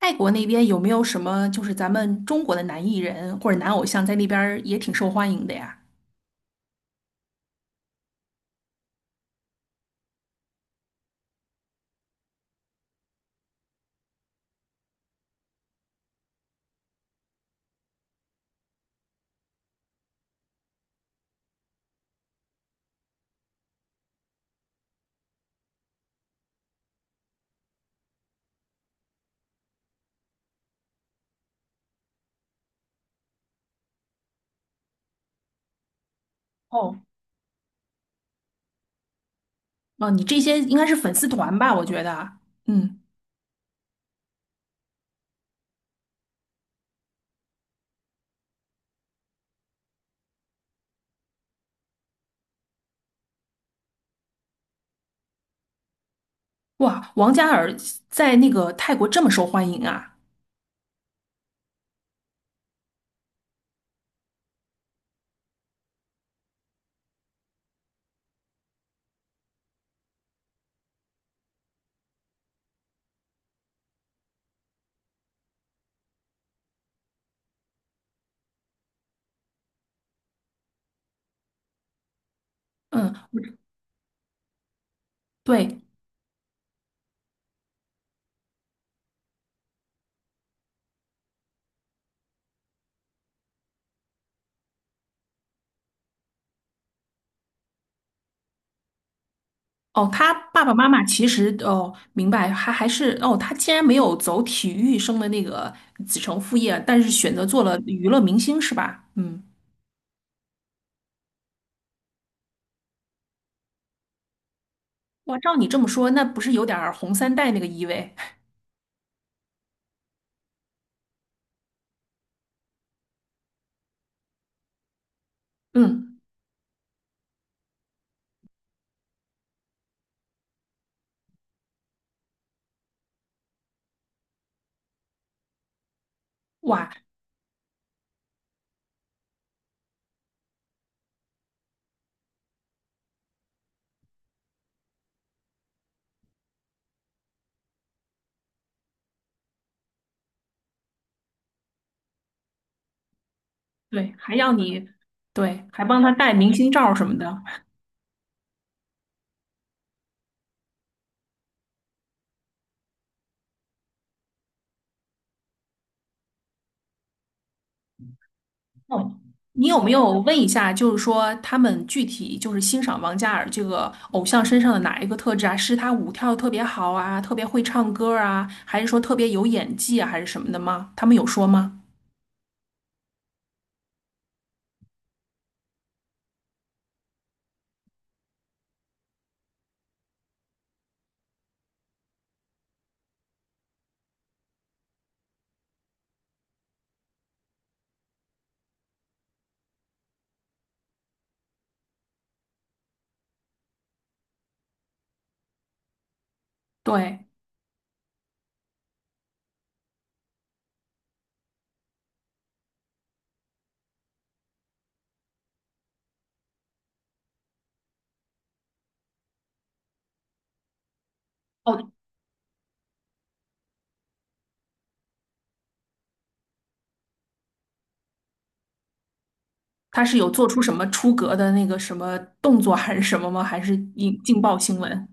泰国那边有没有什么就是咱们中国的男艺人或者男偶像在那边儿也挺受欢迎的呀？哦，哦，你这些应该是粉丝团吧？我觉得，嗯，哇，王嘉尔在那个泰国这么受欢迎啊？嗯，对，哦，他爸爸妈妈其实哦，明白，还是哦，他竟然没有走体育生的那个子承父业，但是选择做了娱乐明星是吧？嗯，哇，照你这么说，那不是有点儿红三代那个意味？嗯，哇，对，还要你，对，还帮他带明星照什么的。哦，你有没有问一下，就是说他们具体就是欣赏王嘉尔这个偶像身上的哪一个特质啊？是他舞跳得特别好啊，特别会唱歌啊，还是说特别有演技啊，还是什么的吗？他们有说吗？对，哦，他是有做出什么出格的那个什么动作还是什么吗？还是引劲爆新闻？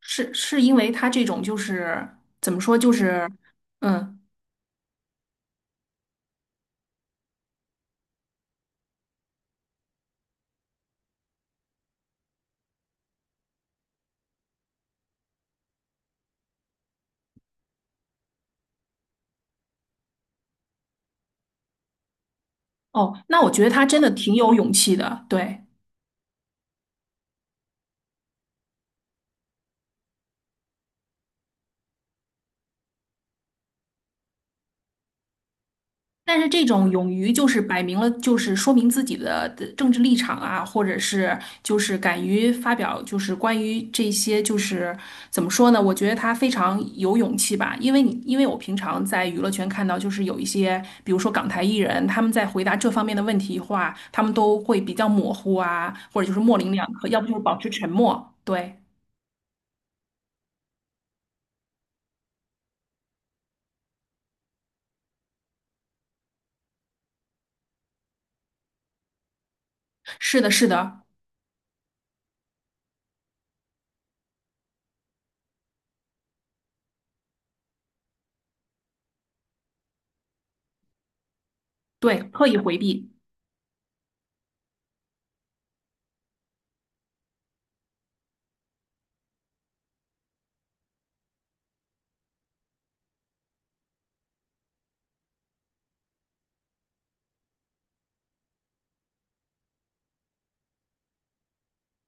是是因为他这种就是怎么说就是，嗯。哦，那我觉得他真的挺有勇气的，对。但是这种勇于就是摆明了，就是说明自己的的政治立场啊，或者是就是敢于发表，就是关于这些，就是怎么说呢？我觉得他非常有勇气吧，因为你因为我平常在娱乐圈看到，就是有一些，比如说港台艺人，他们在回答这方面的问题的话，他们都会比较模糊啊，或者就是模棱两可，要不就是保持沉默。对，是的，是的，对，刻意回避，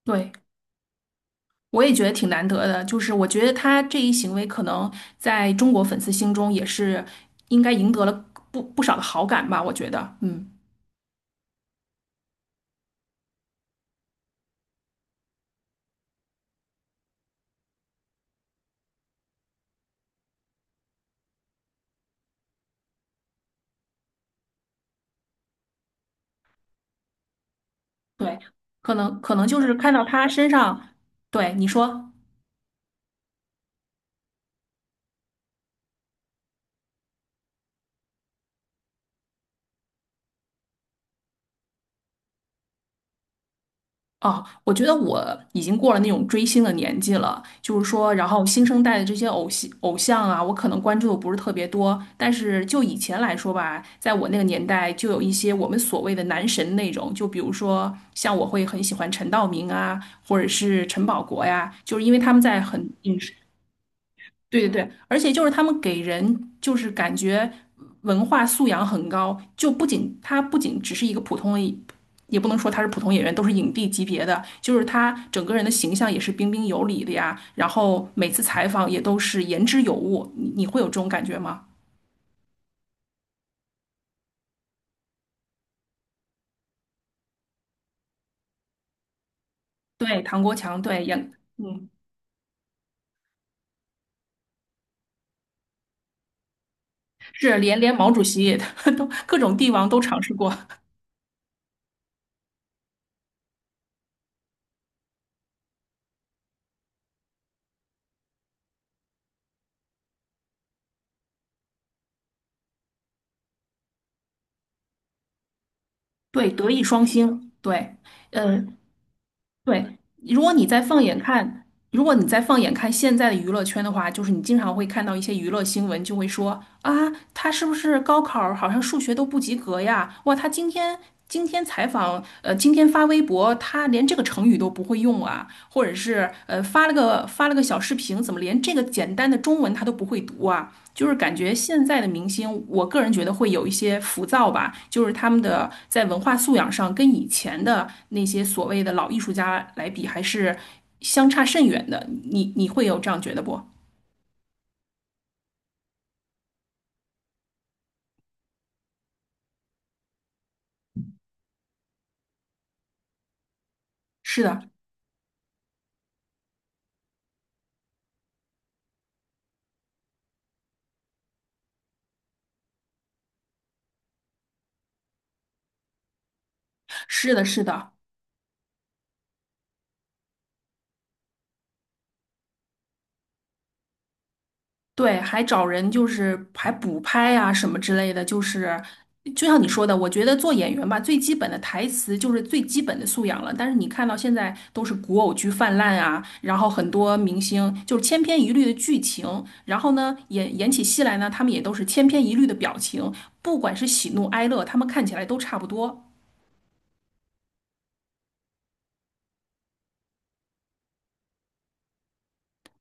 对。我也觉得挺难得的，就是我觉得他这一行为可能在中国粉丝心中也是应该赢得了不少的好感吧，我觉得，嗯，对，可能可能就是看到他身上，对，你说。哦，我觉得我已经过了那种追星的年纪了，就是说，然后新生代的这些偶像啊，我可能关注的不是特别多，但是就以前来说吧，在我那个年代，就有一些我们所谓的男神那种，就比如说像我会很喜欢陈道明啊，或者是陈宝国呀，就是因为他们在很影视对对对，而且就是他们给人就是感觉文化素养很高，就不仅他不仅只是一个普通的，也不能说他是普通演员，都是影帝级别的，就是他整个人的形象也是彬彬有礼的呀，然后每次采访也都是言之有物，你你会有这种感觉吗？对，唐国强，对，演，嗯，是连连毛主席 都各种帝王都尝试过，对，德艺双馨，对，嗯、对，如果你再放眼看，如果你再放眼看现在的娱乐圈的话，就是你经常会看到一些娱乐新闻，就会说啊，他是不是高考儿好像数学都不及格呀？哇，他今天今天采访，今天发微博，他连这个成语都不会用啊，或者是发了个发了个小视频，怎么连这个简单的中文他都不会读啊？就是感觉现在的明星，我个人觉得会有一些浮躁吧，就是他们的在文化素养上跟以前的那些所谓的老艺术家来比，还是相差甚远的。你你会有这样觉得不？是的，是的，是的。对，还找人就是还补拍啊什么之类的，就是就像你说的，我觉得做演员吧，最基本的台词就是最基本的素养了。但是你看到现在都是古偶剧泛滥啊，然后很多明星就是千篇一律的剧情，然后呢演演起戏来呢，他们也都是千篇一律的表情，不管是喜怒哀乐，他们看起来都差不多。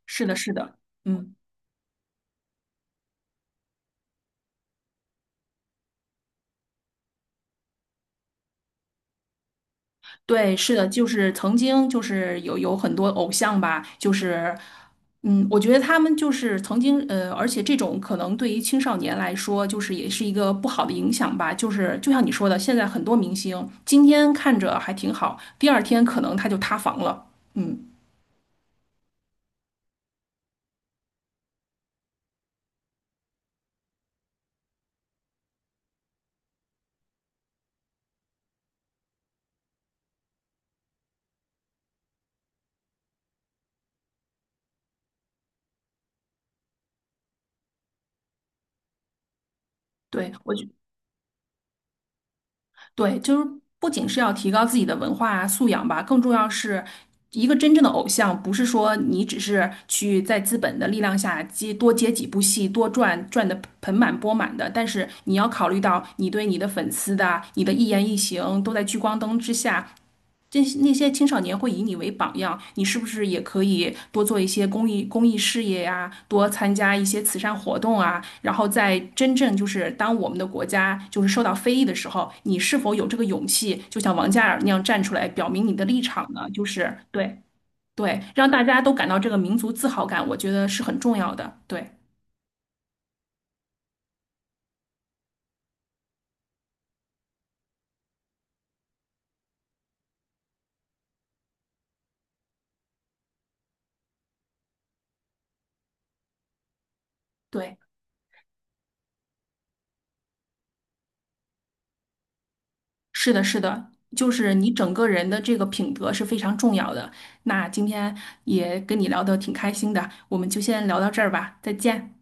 是的，是的，嗯。对，是的，就是曾经就是有很多偶像吧，就是嗯，我觉得他们就是曾经,而且这种可能对于青少年来说，就是也是一个不好的影响吧。就是就像你说的，现在很多明星今天看着还挺好，第二天可能他就塌房了。嗯，对，我觉。对，就是不仅是要提高自己的文化素养吧，更重要是一个真正的偶像，不是说你只是去在资本的力量下接多接几部戏，多赚赚的盆满钵满的，但是你要考虑到你对你的粉丝的，你的一言一行都在聚光灯之下，那些青少年会以你为榜样，你是不是也可以多做一些公益事业呀、多参加一些慈善活动啊？然后在真正就是当我们的国家就是受到非议的时候，你是否有这个勇气，就像王嘉尔那样站出来表明你的立场呢？就是对对，让大家都感到这个民族自豪感，我觉得是很重要的。对对。是的，是的，就是你整个人的这个品德是非常重要的。那今天也跟你聊得挺开心的，我们就先聊到这儿吧，再见。